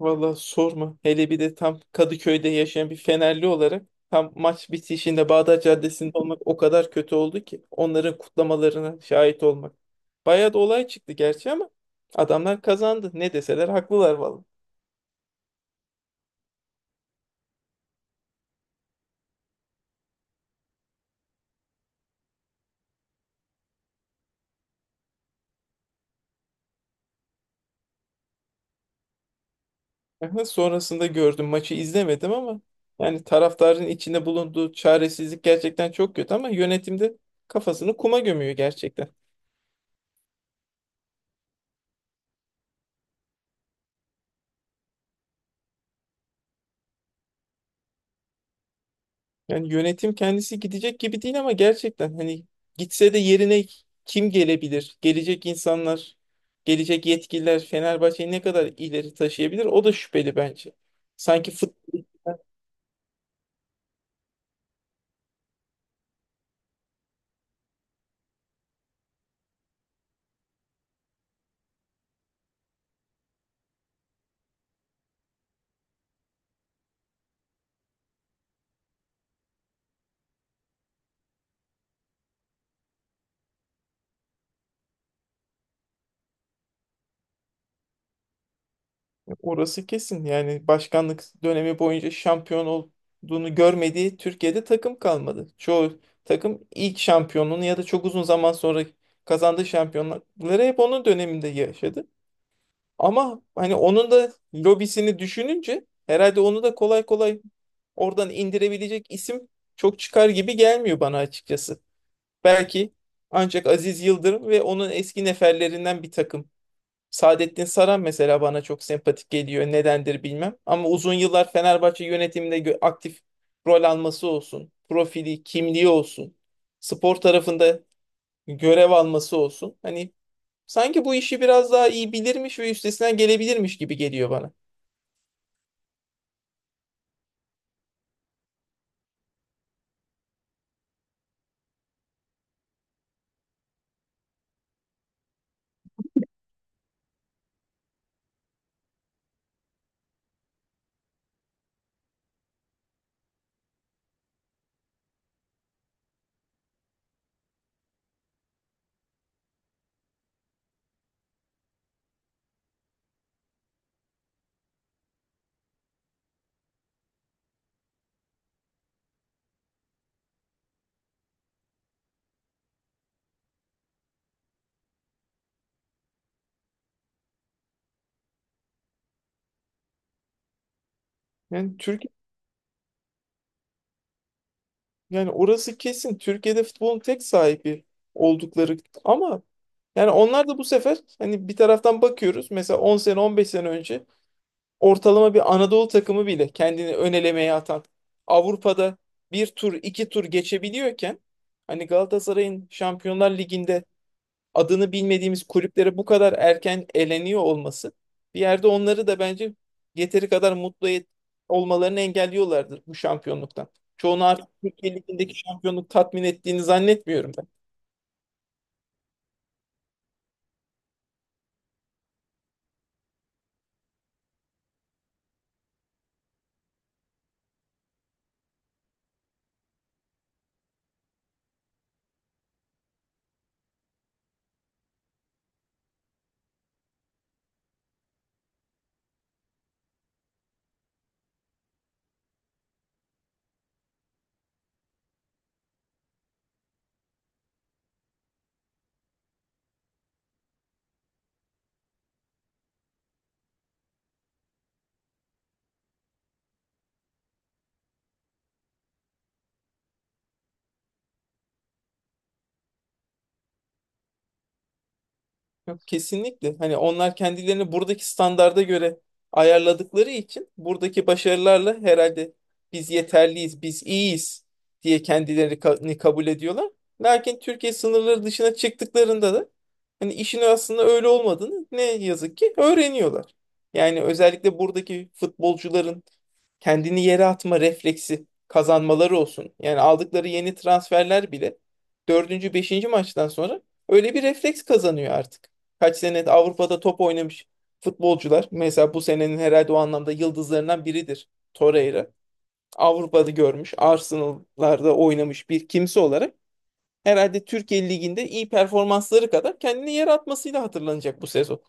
Valla sorma. Hele bir de tam Kadıköy'de yaşayan bir Fenerli olarak tam maç bitişinde Bağdat Caddesi'nde olmak o kadar kötü oldu ki onların kutlamalarına şahit olmak. Bayağı da olay çıktı gerçi, ama adamlar kazandı. Ne deseler haklılar valla. Aha, sonrasında gördüm, maçı izlemedim, ama yani taraftarın içinde bulunduğu çaresizlik gerçekten çok kötü, ama yönetimde kafasını kuma gömüyor gerçekten. Yani yönetim kendisi gidecek gibi değil, ama gerçekten hani gitse de yerine kim gelebilir? Gelecek insanlar, gelecek yetkililer Fenerbahçe'yi ne kadar ileri taşıyabilir? O da şüpheli bence. Sanki futbol. Orası kesin. Yani başkanlık dönemi boyunca şampiyon olduğunu görmediği Türkiye'de takım kalmadı. Çoğu takım ilk şampiyonluğunu ya da çok uzun zaman sonra kazandığı şampiyonlukları hep onun döneminde yaşadı. Ama hani onun da lobisini düşününce herhalde onu da kolay kolay oradan indirebilecek isim çok çıkar gibi gelmiyor bana açıkçası. Belki ancak Aziz Yıldırım ve onun eski neferlerinden bir takım. Saadettin Saran mesela bana çok sempatik geliyor. Nedendir bilmem. Ama uzun yıllar Fenerbahçe yönetiminde aktif rol alması olsun. Profili, kimliği olsun. Spor tarafında görev alması olsun. Hani sanki bu işi biraz daha iyi bilirmiş ve üstesinden gelebilirmiş gibi geliyor bana. Yani Türk yani orası kesin, Türkiye'de futbolun tek sahibi oldukları, ama yani onlar da bu sefer hani bir taraftan bakıyoruz, mesela 10 sene 15 sene önce ortalama bir Anadolu takımı bile kendini ön elemeye atan Avrupa'da bir tur iki tur geçebiliyorken, hani Galatasaray'ın Şampiyonlar Ligi'nde adını bilmediğimiz kulüplere bu kadar erken eleniyor olması bir yerde onları da bence yeteri kadar mutlu olmalarını engelliyorlardır bu şampiyonluktan. Çoğunu artık Türkiye Ligi'ndeki şampiyonluk tatmin ettiğini zannetmiyorum. Yok, kesinlikle. Hani onlar kendilerini buradaki standarda göre ayarladıkları için buradaki başarılarla herhalde biz yeterliyiz, biz iyiyiz diye kendilerini kabul ediyorlar. Lakin Türkiye sınırları dışına çıktıklarında da hani işin aslında öyle olmadığını ne yazık ki öğreniyorlar. Yani özellikle buradaki futbolcuların kendini yere atma refleksi kazanmaları olsun. Yani aldıkları yeni transferler bile dördüncü, beşinci maçtan sonra öyle bir refleks kazanıyor artık. Kaç sene Avrupa'da top oynamış futbolcular. Mesela bu senenin herhalde o anlamda yıldızlarından biridir Torreira. Avrupa'da görmüş, Arsenal'larda oynamış bir kimse olarak herhalde Türkiye Ligi'nde iyi performansları kadar kendini yere atmasıyla hatırlanacak bu sezon.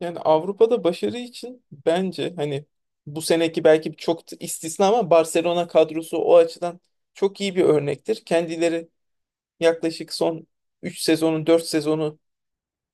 Yani Avrupa'da başarı için bence hani bu seneki belki çok da istisna, ama Barcelona kadrosu o açıdan çok iyi bir örnektir. Kendileri yaklaşık son 3 sezonun 4 sezonu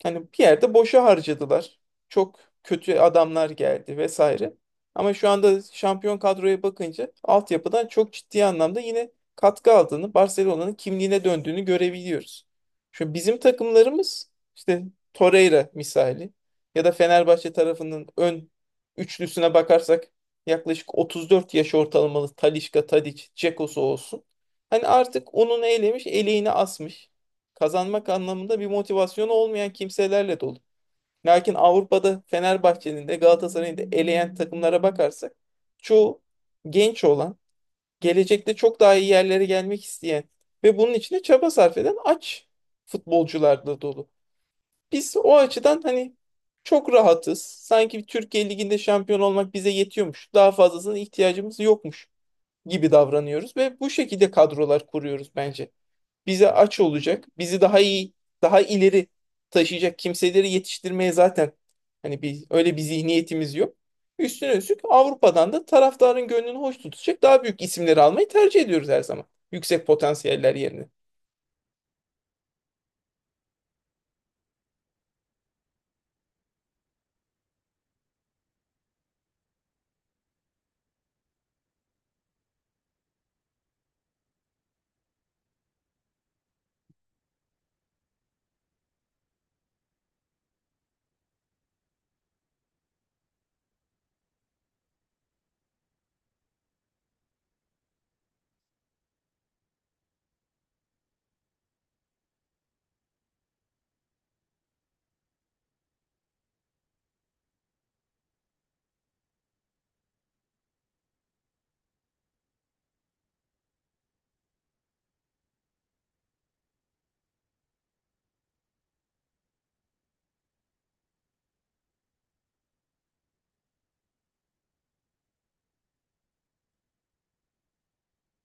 hani bir yerde boşa harcadılar. Çok kötü adamlar geldi vesaire. Ama şu anda şampiyon kadroya bakınca altyapıdan çok ciddi anlamda yine katkı aldığını, Barcelona'nın kimliğine döndüğünü görebiliyoruz. Şu bizim takımlarımız işte Torreira misali, ya da Fenerbahçe tarafının ön üçlüsüne bakarsak yaklaşık 34 yaş ortalamalı Talisca, Tadic, Dzeko olsun. Hani artık onun eylemiş, eleğini asmış, kazanmak anlamında bir motivasyonu olmayan kimselerle dolu. Lakin Avrupa'da Fenerbahçe'nin de Galatasaray'ın da eleyen takımlara bakarsak çoğu genç olan, gelecekte çok daha iyi yerlere gelmek isteyen ve bunun için de çaba sarf eden aç futbolcularla dolu. Biz o açıdan hani çok rahatız. Sanki Türkiye Ligi'nde şampiyon olmak bize yetiyormuş, daha fazlasına ihtiyacımız yokmuş gibi davranıyoruz ve bu şekilde kadrolar kuruyoruz, bence bize aç olacak, bizi daha iyi, daha ileri taşıyacak kimseleri yetiştirmeye zaten hani öyle bir zihniyetimiz yok. Üstüne üstlük Avrupa'dan da taraftarın gönlünü hoş tutacak daha büyük isimleri almayı tercih ediyoruz her zaman. Yüksek potansiyeller yerine.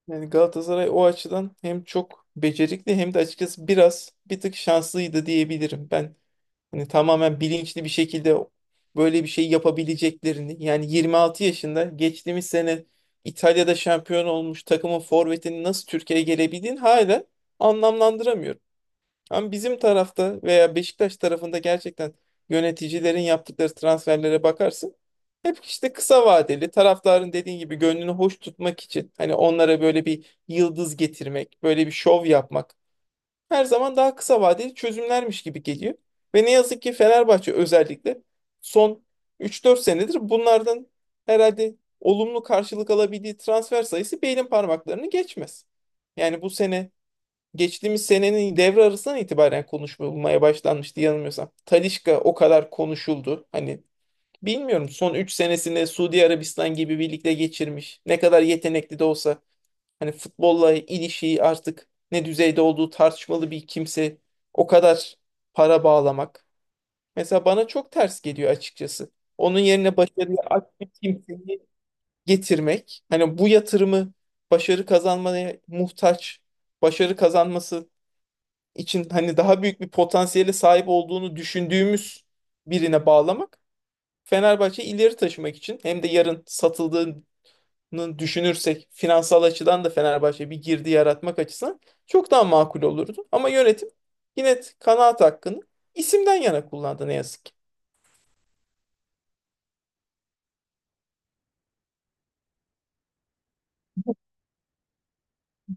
Yani Galatasaray o açıdan hem çok becerikli hem de açıkçası biraz bir tık şanslıydı diyebilirim. Ben hani tamamen bilinçli bir şekilde böyle bir şey yapabileceklerini, yani 26 yaşında geçtiğimiz sene İtalya'da şampiyon olmuş takımın forvetinin nasıl Türkiye'ye gelebildiğini hala anlamlandıramıyorum. Ama bizim tarafta veya Beşiktaş tarafında gerçekten yöneticilerin yaptıkları transferlere bakarsın. Hep işte kısa vadeli, taraftarın dediğin gibi gönlünü hoş tutmak için hani onlara böyle bir yıldız getirmek, böyle bir şov yapmak her zaman daha kısa vadeli çözümlermiş gibi geliyor. Ve ne yazık ki Fenerbahçe özellikle son üç dört senedir bunlardan herhalde olumlu karşılık alabildiği transfer sayısı belin parmaklarını geçmez. Yani bu sene, geçtiğimiz senenin devre arasından itibaren konuşulmaya başlanmıştı yanılmıyorsam. Talisca o kadar konuşuldu. Hani bilmiyorum, son 3 senesinde Suudi Arabistan gibi birlikte geçirmiş. Ne kadar yetenekli de olsa hani futbolla ilişiği artık ne düzeyde olduğu tartışmalı bir kimse o kadar para bağlamak mesela bana çok ters geliyor açıkçası. Onun yerine başarıya aç bir kimseyi getirmek, hani bu yatırımı başarı kazanmaya muhtaç, başarı kazanması için hani daha büyük bir potansiyele sahip olduğunu düşündüğümüz birine bağlamak Fenerbahçe ileri taşımak için, hem de yarın satıldığı düşünürsek finansal açıdan da Fenerbahçe bir girdi yaratmak açısından çok daha makul olurdu. Ama yönetim yine kanaat hakkını isimden yana kullandı ne yazık ki.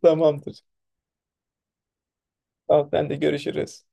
Tamamdır. Tamam, ben de görüşürüz.